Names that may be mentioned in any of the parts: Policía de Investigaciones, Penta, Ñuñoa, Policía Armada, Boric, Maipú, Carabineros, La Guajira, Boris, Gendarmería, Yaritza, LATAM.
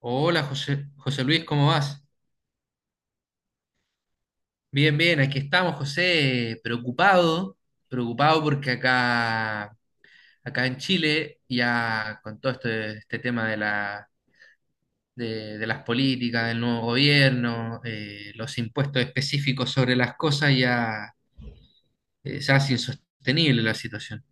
Hola José, José Luis, ¿cómo vas? Bien, bien, aquí estamos, José, preocupado, preocupado porque acá en Chile, ya con todo este tema de las políticas, del nuevo gobierno, los impuestos específicos sobre las cosas, ya se hace insostenible la situación.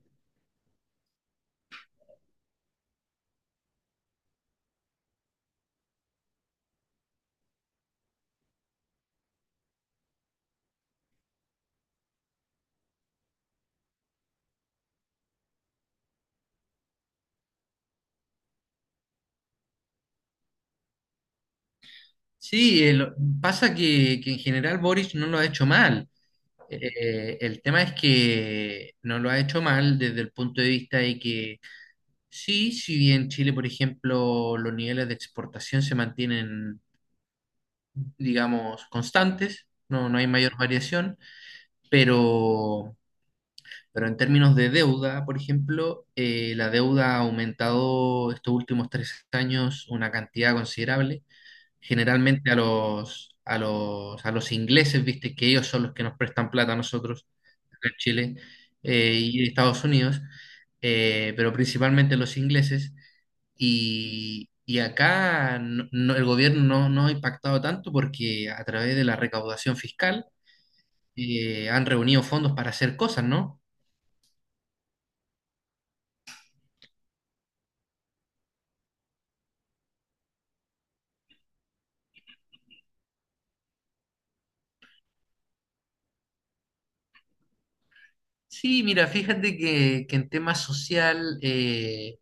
Sí, pasa que en general Boris no lo ha hecho mal. El tema es que no lo ha hecho mal desde el punto de vista de que. Sí, si bien Chile, por ejemplo, los niveles de exportación se mantienen, digamos, constantes, no, no hay mayor variación, pero, pero en términos de deuda, por ejemplo, la deuda ha aumentado estos últimos 3 años una cantidad considerable. Generalmente a los ingleses, viste que ellos son los que nos prestan plata a nosotros, acá en Chile y Estados Unidos, pero principalmente los ingleses. Y acá el gobierno no ha impactado tanto porque a través de la recaudación fiscal han reunido fondos para hacer cosas, ¿no? Sí, mira, fíjate que en tema social,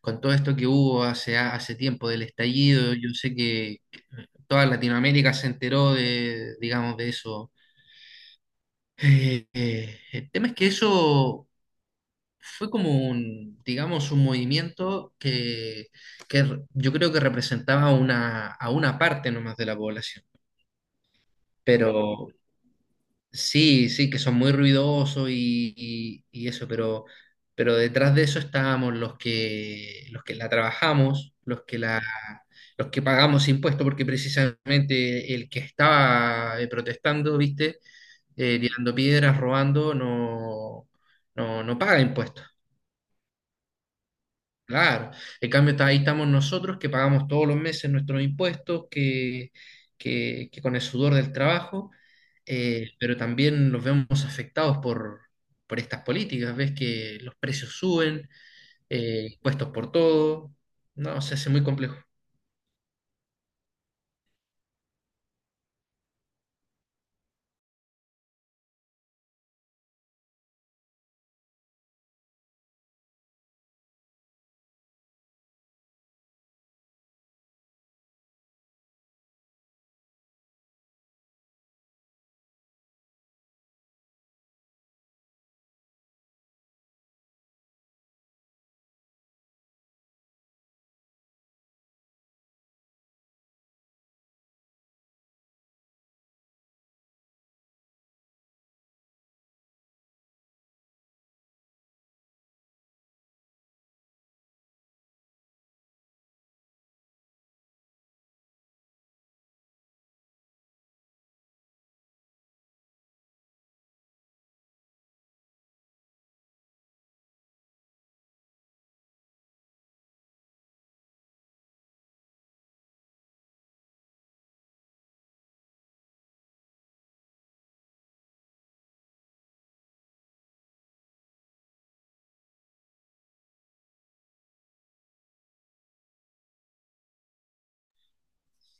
con todo esto que hubo hace tiempo del estallido, yo sé que toda Latinoamérica se enteró de, digamos, de eso. El tema es que eso fue como un, digamos, un movimiento que yo creo que representaba a una parte nomás de la población. Pero sí, sí, que son muy ruidosos y eso, pero detrás de eso estábamos los que la trabajamos, los que pagamos impuestos, porque precisamente el que estaba protestando, ¿viste? Tirando piedras, robando, no paga impuestos. Claro, en cambio ahí estamos nosotros que pagamos todos los meses nuestros impuestos, que con el sudor del trabajo, pero también los vemos afectados por estas políticas. Ves que los precios suben, impuestos por todo, no, se hace muy complejo.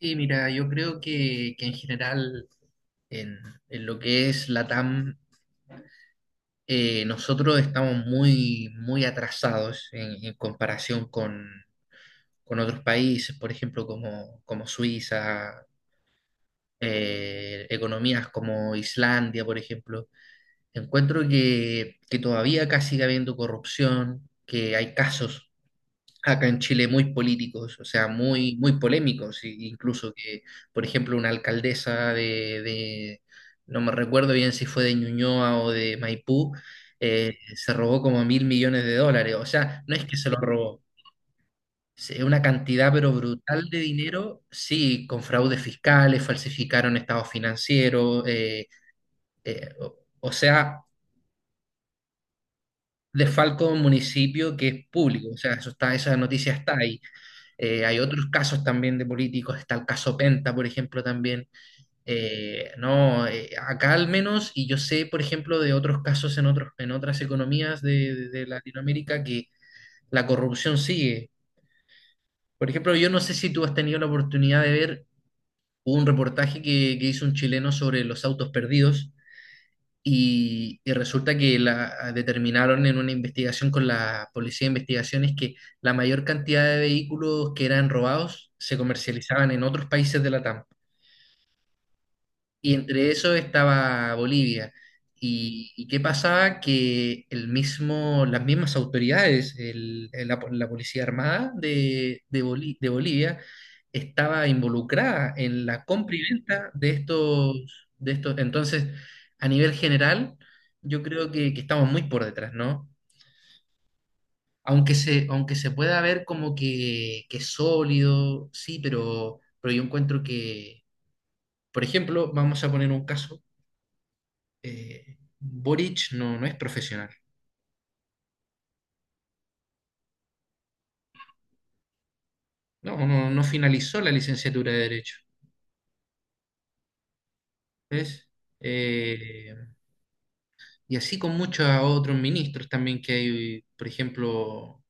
Sí, mira, yo creo que en general en, en lo que es LATAM, nosotros estamos muy, muy atrasados en comparación con otros países, por ejemplo, como Suiza, economías como Islandia, por ejemplo. Encuentro que todavía acá sigue habiendo corrupción, que hay casos acá en Chile muy políticos, o sea, muy, muy polémicos, incluso que, por ejemplo, una alcaldesa no me recuerdo bien si fue de Ñuñoa o de Maipú, se robó como mil millones de dólares, o sea, no es que se lo robó. Sí, una cantidad pero brutal de dinero, sí, con fraudes fiscales, falsificaron estados financieros, o sea, desfalco un municipio que es público, o sea, eso está, esa noticia está ahí. Hay otros casos también de políticos, está el caso Penta, por ejemplo, también. No, acá al menos, y yo sé, por ejemplo, de otros casos en otros, en otras economías de Latinoamérica que la corrupción sigue. Por ejemplo, yo no sé si tú has tenido la oportunidad de ver, hubo un reportaje que hizo un chileno sobre los autos perdidos y resulta que determinaron en una investigación con la Policía de Investigaciones que la mayor cantidad de vehículos que eran robados se comercializaban en otros países de la TAM. Y entre eso estaba Bolivia. ¿Y qué pasaba? Que el mismo, las mismas autoridades, la Policía Armada de Bolivia, estaba involucrada en la compra y venta de estos. Entonces, a nivel general, yo creo que estamos muy por detrás, ¿no? Aunque se pueda ver como que es sólido, sí, pero yo encuentro que, por ejemplo, vamos a poner un caso. Boric no es profesional, no finalizó la licenciatura de Derecho, ¿ves? Eh, y así con muchos otros ministros también que hay, por ejemplo,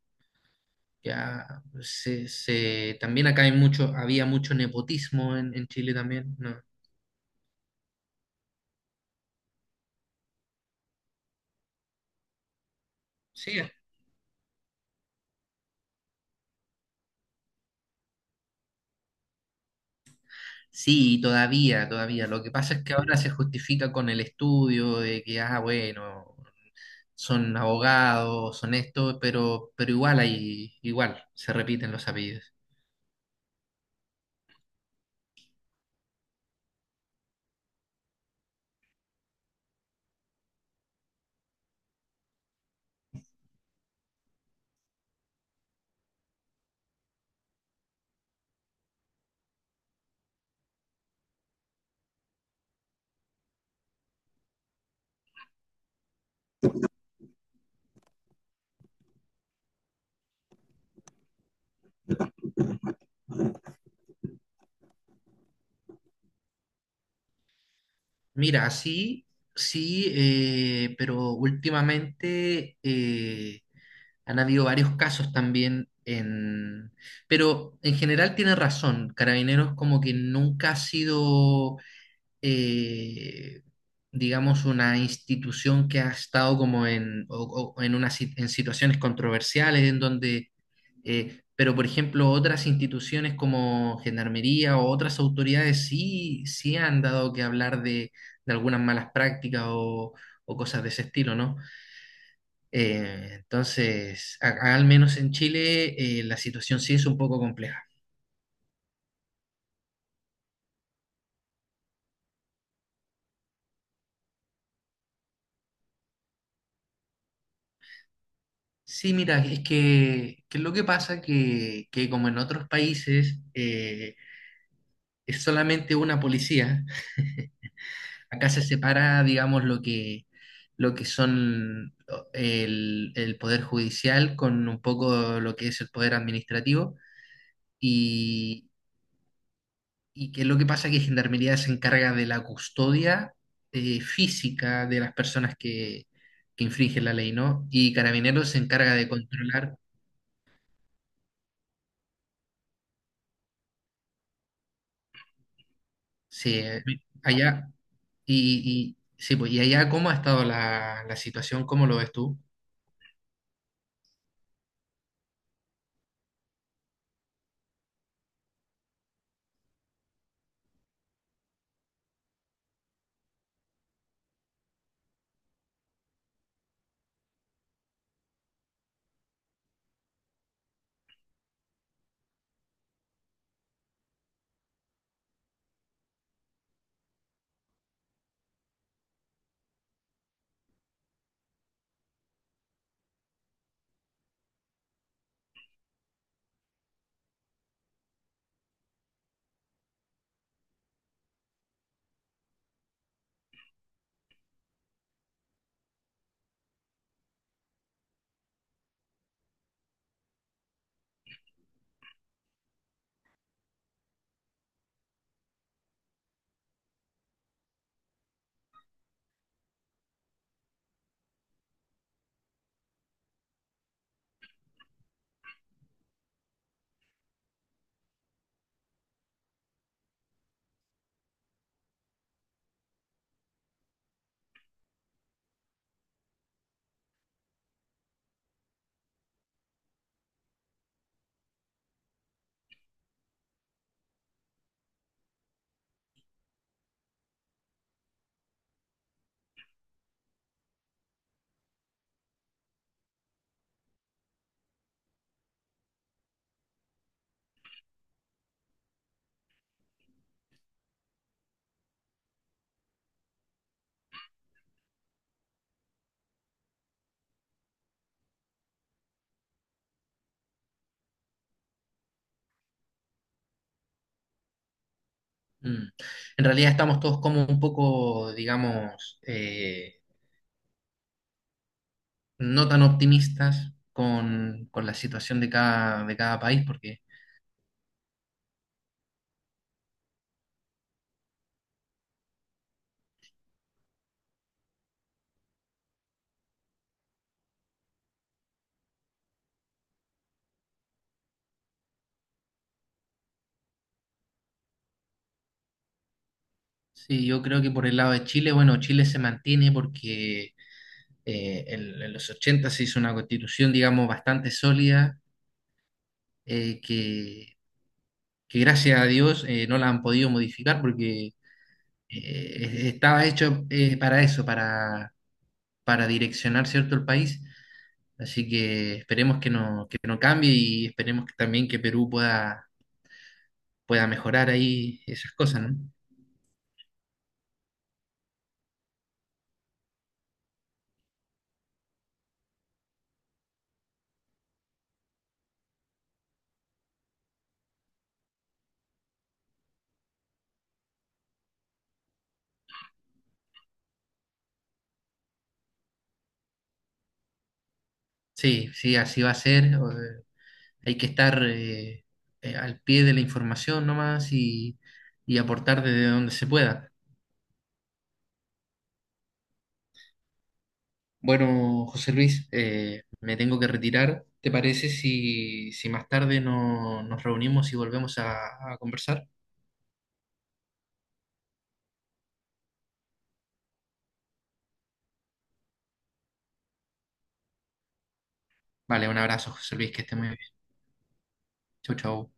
también acá hay mucho, había mucho nepotismo en Chile también, ¿no? Sí, sí, todavía, todavía. Lo que pasa es que ahora se justifica con el estudio de que, bueno, son abogados, son esto, pero igual hay, igual, se repiten los apellidos. Mira, sí, sí, pero últimamente han habido varios casos también en. Pero en general tiene razón, Carabineros como que nunca ha sido eh, digamos, una institución que ha estado como en, o- en, una si- en situaciones controversiales, en donde, pero por ejemplo, otras instituciones como Gendarmería o otras autoridades sí, sí han dado que hablar de algunas malas prácticas o cosas de ese estilo, ¿no? Entonces, al menos en Chile, la situación sí es un poco compleja. Sí, mira, es que es lo que pasa que como en otros países es solamente una policía, acá se separa, digamos, lo que son el poder judicial con un poco lo que es el poder administrativo y, y que lo que pasa que Gendarmería se encarga de la custodia física de las personas que infringen la ley, ¿no? Y Carabineros se encarga de controlar, se, allá. Y sí, pues, ¿y allá cómo ha estado la situación? ¿Cómo lo ves tú? Mm. En realidad estamos todos como un poco, digamos, no tan optimistas con la situación de cada país, porque sí, yo creo que por el lado de Chile, bueno, Chile se mantiene porque en los 80 se hizo una constitución, digamos, bastante sólida, eh, que, que gracias a Dios no la han podido modificar porque estaba hecho para eso, para direccionar, ¿cierto?, el país. Así que esperemos que no cambie y esperemos que también que Perú pueda, mejorar ahí esas cosas, ¿no? Sí, sí, así va a ser. Hay que estar al pie de la información nomás y aportar desde donde se pueda. Bueno, José Luis, me tengo que retirar. ¿Te parece si más tarde nos reunimos y volvemos a conversar? Vale, un abrazo, José Luis, que esté muy bien. Chau, chau.